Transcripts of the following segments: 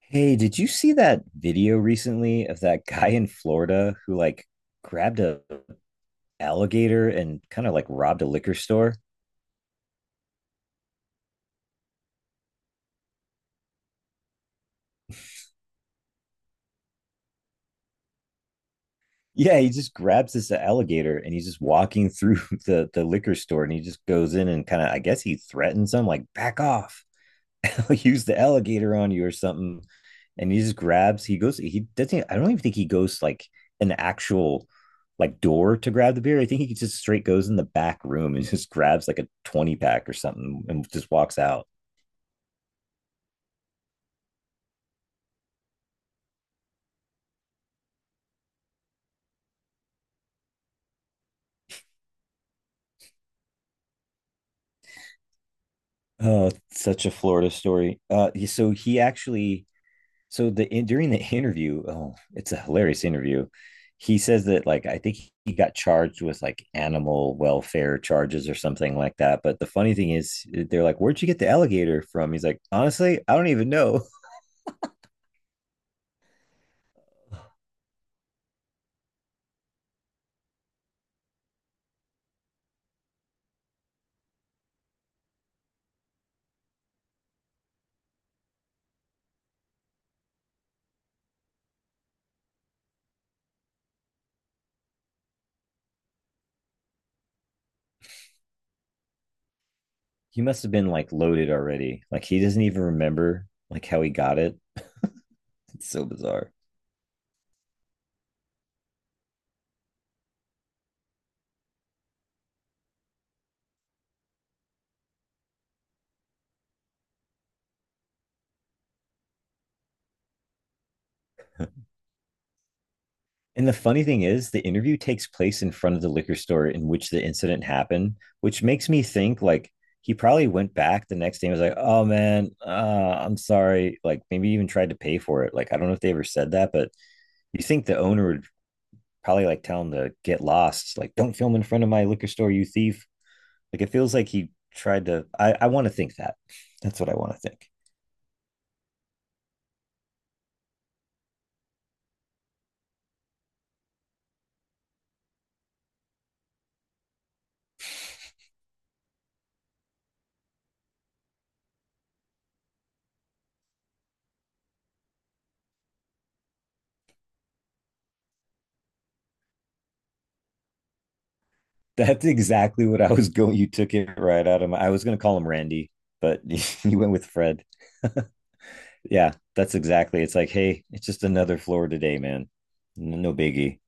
Hey, did you see that video recently of that guy in Florida who like grabbed a alligator and kind of like robbed a liquor store? Yeah, he just grabs this alligator and he's just walking through the liquor store and he just goes in and kind of I guess he threatens them like back off. use the alligator on you or something. And he just grabs, he goes, he doesn't, I don't even think he goes like an actual like door to grab the beer. I think he just straight goes in the back room and just grabs like a 20 pack or something and just walks out. Oh, such a Florida story. So he actually so the in, during the interview, oh, it's a hilarious interview. He says that like I think he got charged with like animal welfare charges or something like that. But the funny thing is, they're like, "Where'd you get the alligator from?" He's like, "Honestly, I don't even know. He must have been like loaded already. Like he doesn't even remember like how he got it. It's so bizarre." And the funny thing is, the interview takes place in front of the liquor store in which the incident happened, which makes me think like he probably went back the next day and was like, "Oh man, I'm sorry." Like maybe even tried to pay for it. Like I don't know if they ever said that, but you think the owner would probably like tell him to get lost, like don't film in front of my liquor store, you thief. Like it feels like he tried to. I want to think that. That's what I want to think. That's exactly what I was going. You took it right out of my. I was going to call him Randy, but you went with Fred. Yeah, that's exactly. It's like, hey, it's just another floor today, man. No biggie.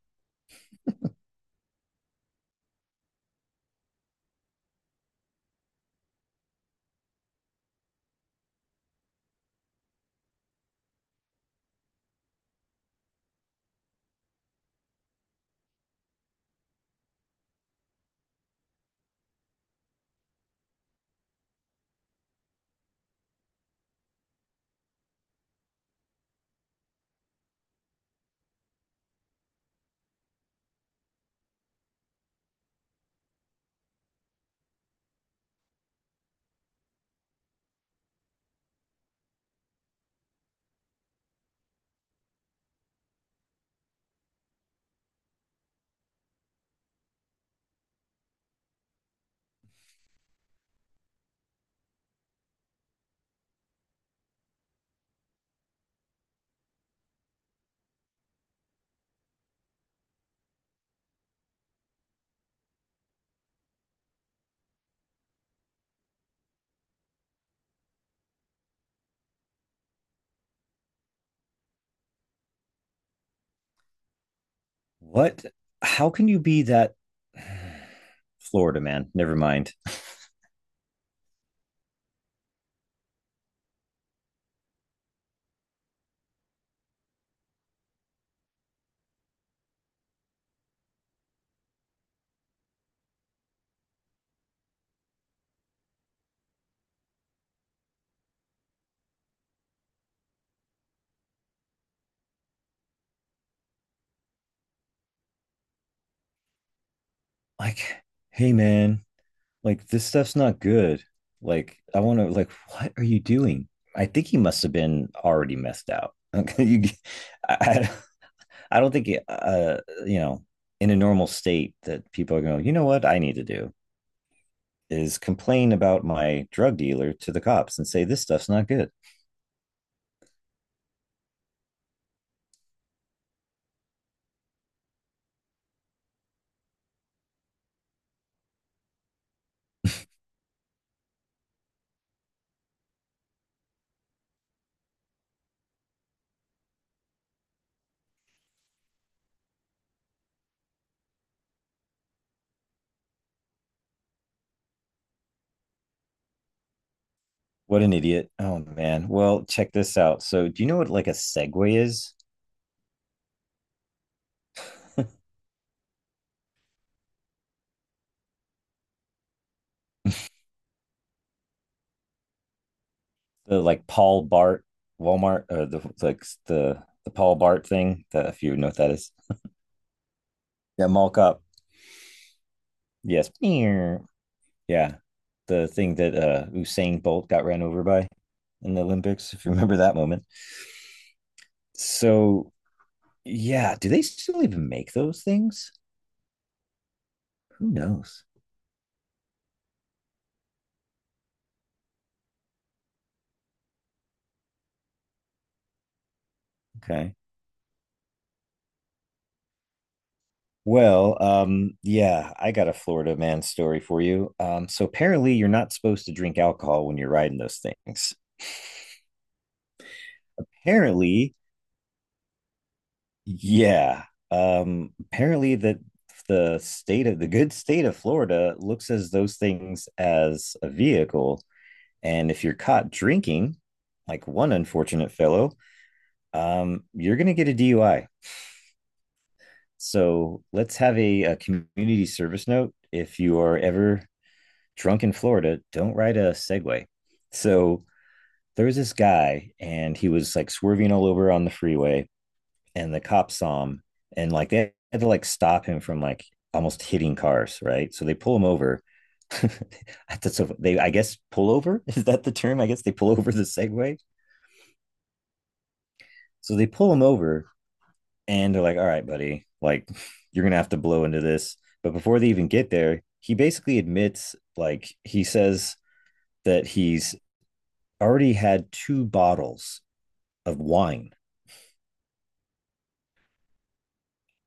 What? How can you be that Florida man? Never mind. Like, hey, man, like this stuff's not good. Like, I want to, like, what are you doing? I think he must have been already messed out. Okay, you, I, I- I don't think, you know, in a normal state that people are going, you know what, I need to do is complain about my drug dealer to the cops and say this stuff's not good. What an idiot. Oh man. Well, check this out. So, do you know what like a Segway is? The like Paul Bart Walmart or the like the Paul Bart thing that if you know what that is. Yeah, mall cop. Yes. Meow. Yeah. The thing that Usain Bolt got ran over by in the Olympics, if you remember that moment. So, yeah, do they still even make those things? Who knows? Okay. Well, yeah, I got a Florida man story for you. So apparently you're not supposed to drink alcohol when you're riding those things. Apparently, yeah. Apparently that the good state of Florida looks as those things as a vehicle, and if you're caught drinking, like one unfortunate fellow, you're gonna get a DUI. So let's have a community service note if you are ever drunk in Florida, don't ride a Segway. So there was this guy and he was like swerving all over on the freeway and the cops saw him and like they had to like stop him from like almost hitting cars, right? So they pull him over. That's so they I guess pull over is that the term? I guess they pull over the Segway. So they pull him over and they're like, "All right, buddy, like you're gonna have to blow into this." But before they even get there, he basically admits, like he says that he's already had two bottles of wine.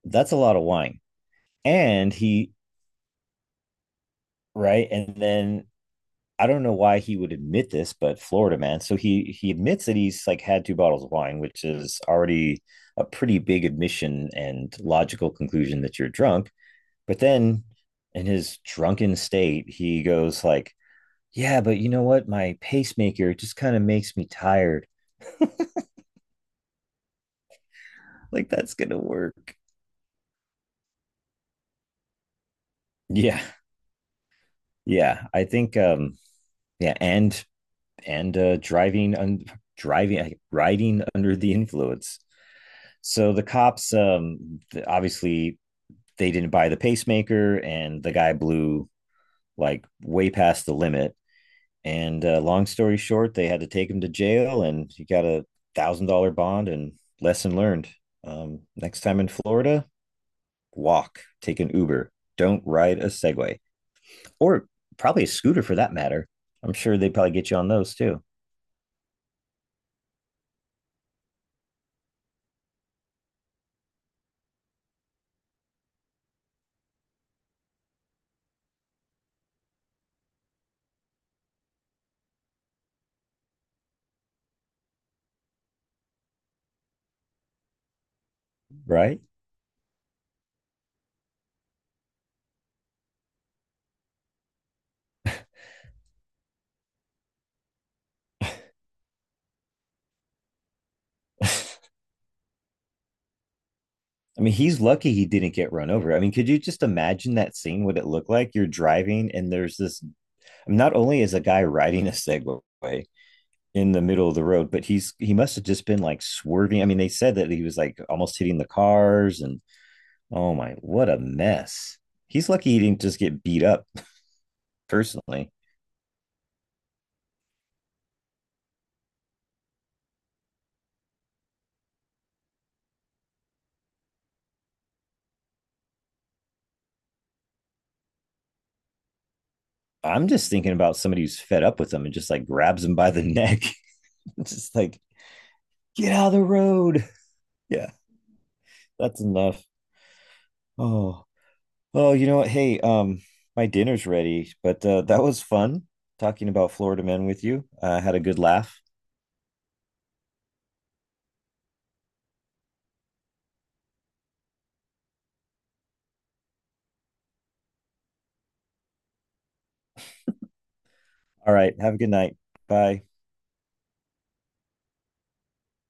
That's a lot of wine. And he, right? And then I don't know why he would admit this, but Florida man. So he admits that he's like had two bottles of wine, which is already a pretty big admission and logical conclusion that you're drunk. But then in his drunken state, he goes like, "Yeah, but you know what? My pacemaker just kind of makes me tired. Like that's going to work." Yeah. Yeah, I think yeah, and driving un- driving riding under the influence. So the cops, obviously, they didn't buy the pacemaker, and the guy blew like way past the limit. And long story short, they had to take him to jail, and he got $1,000 bond. And lesson learned: next time in Florida, walk, take an Uber, don't ride a Segway or probably a scooter for that matter. I'm sure they probably get you on those too, right? I mean, he's lucky he didn't get run over. I mean, could you just imagine that scene? What it looked like? You're driving, and there's this. I mean, not only is a guy riding a Segway in the middle of the road, but he must have just been like swerving. I mean, they said that he was like almost hitting the cars, and oh my, what a mess! He's lucky he didn't just get beat up personally. I'm just thinking about somebody who's fed up with him and just like grabs him by the neck, just like get out of the road. Yeah, that's enough. Oh. Oh, you know what? Hey, my dinner's ready, but that was fun talking about Florida men with you. I had a good laugh. All right, have a good night. Bye.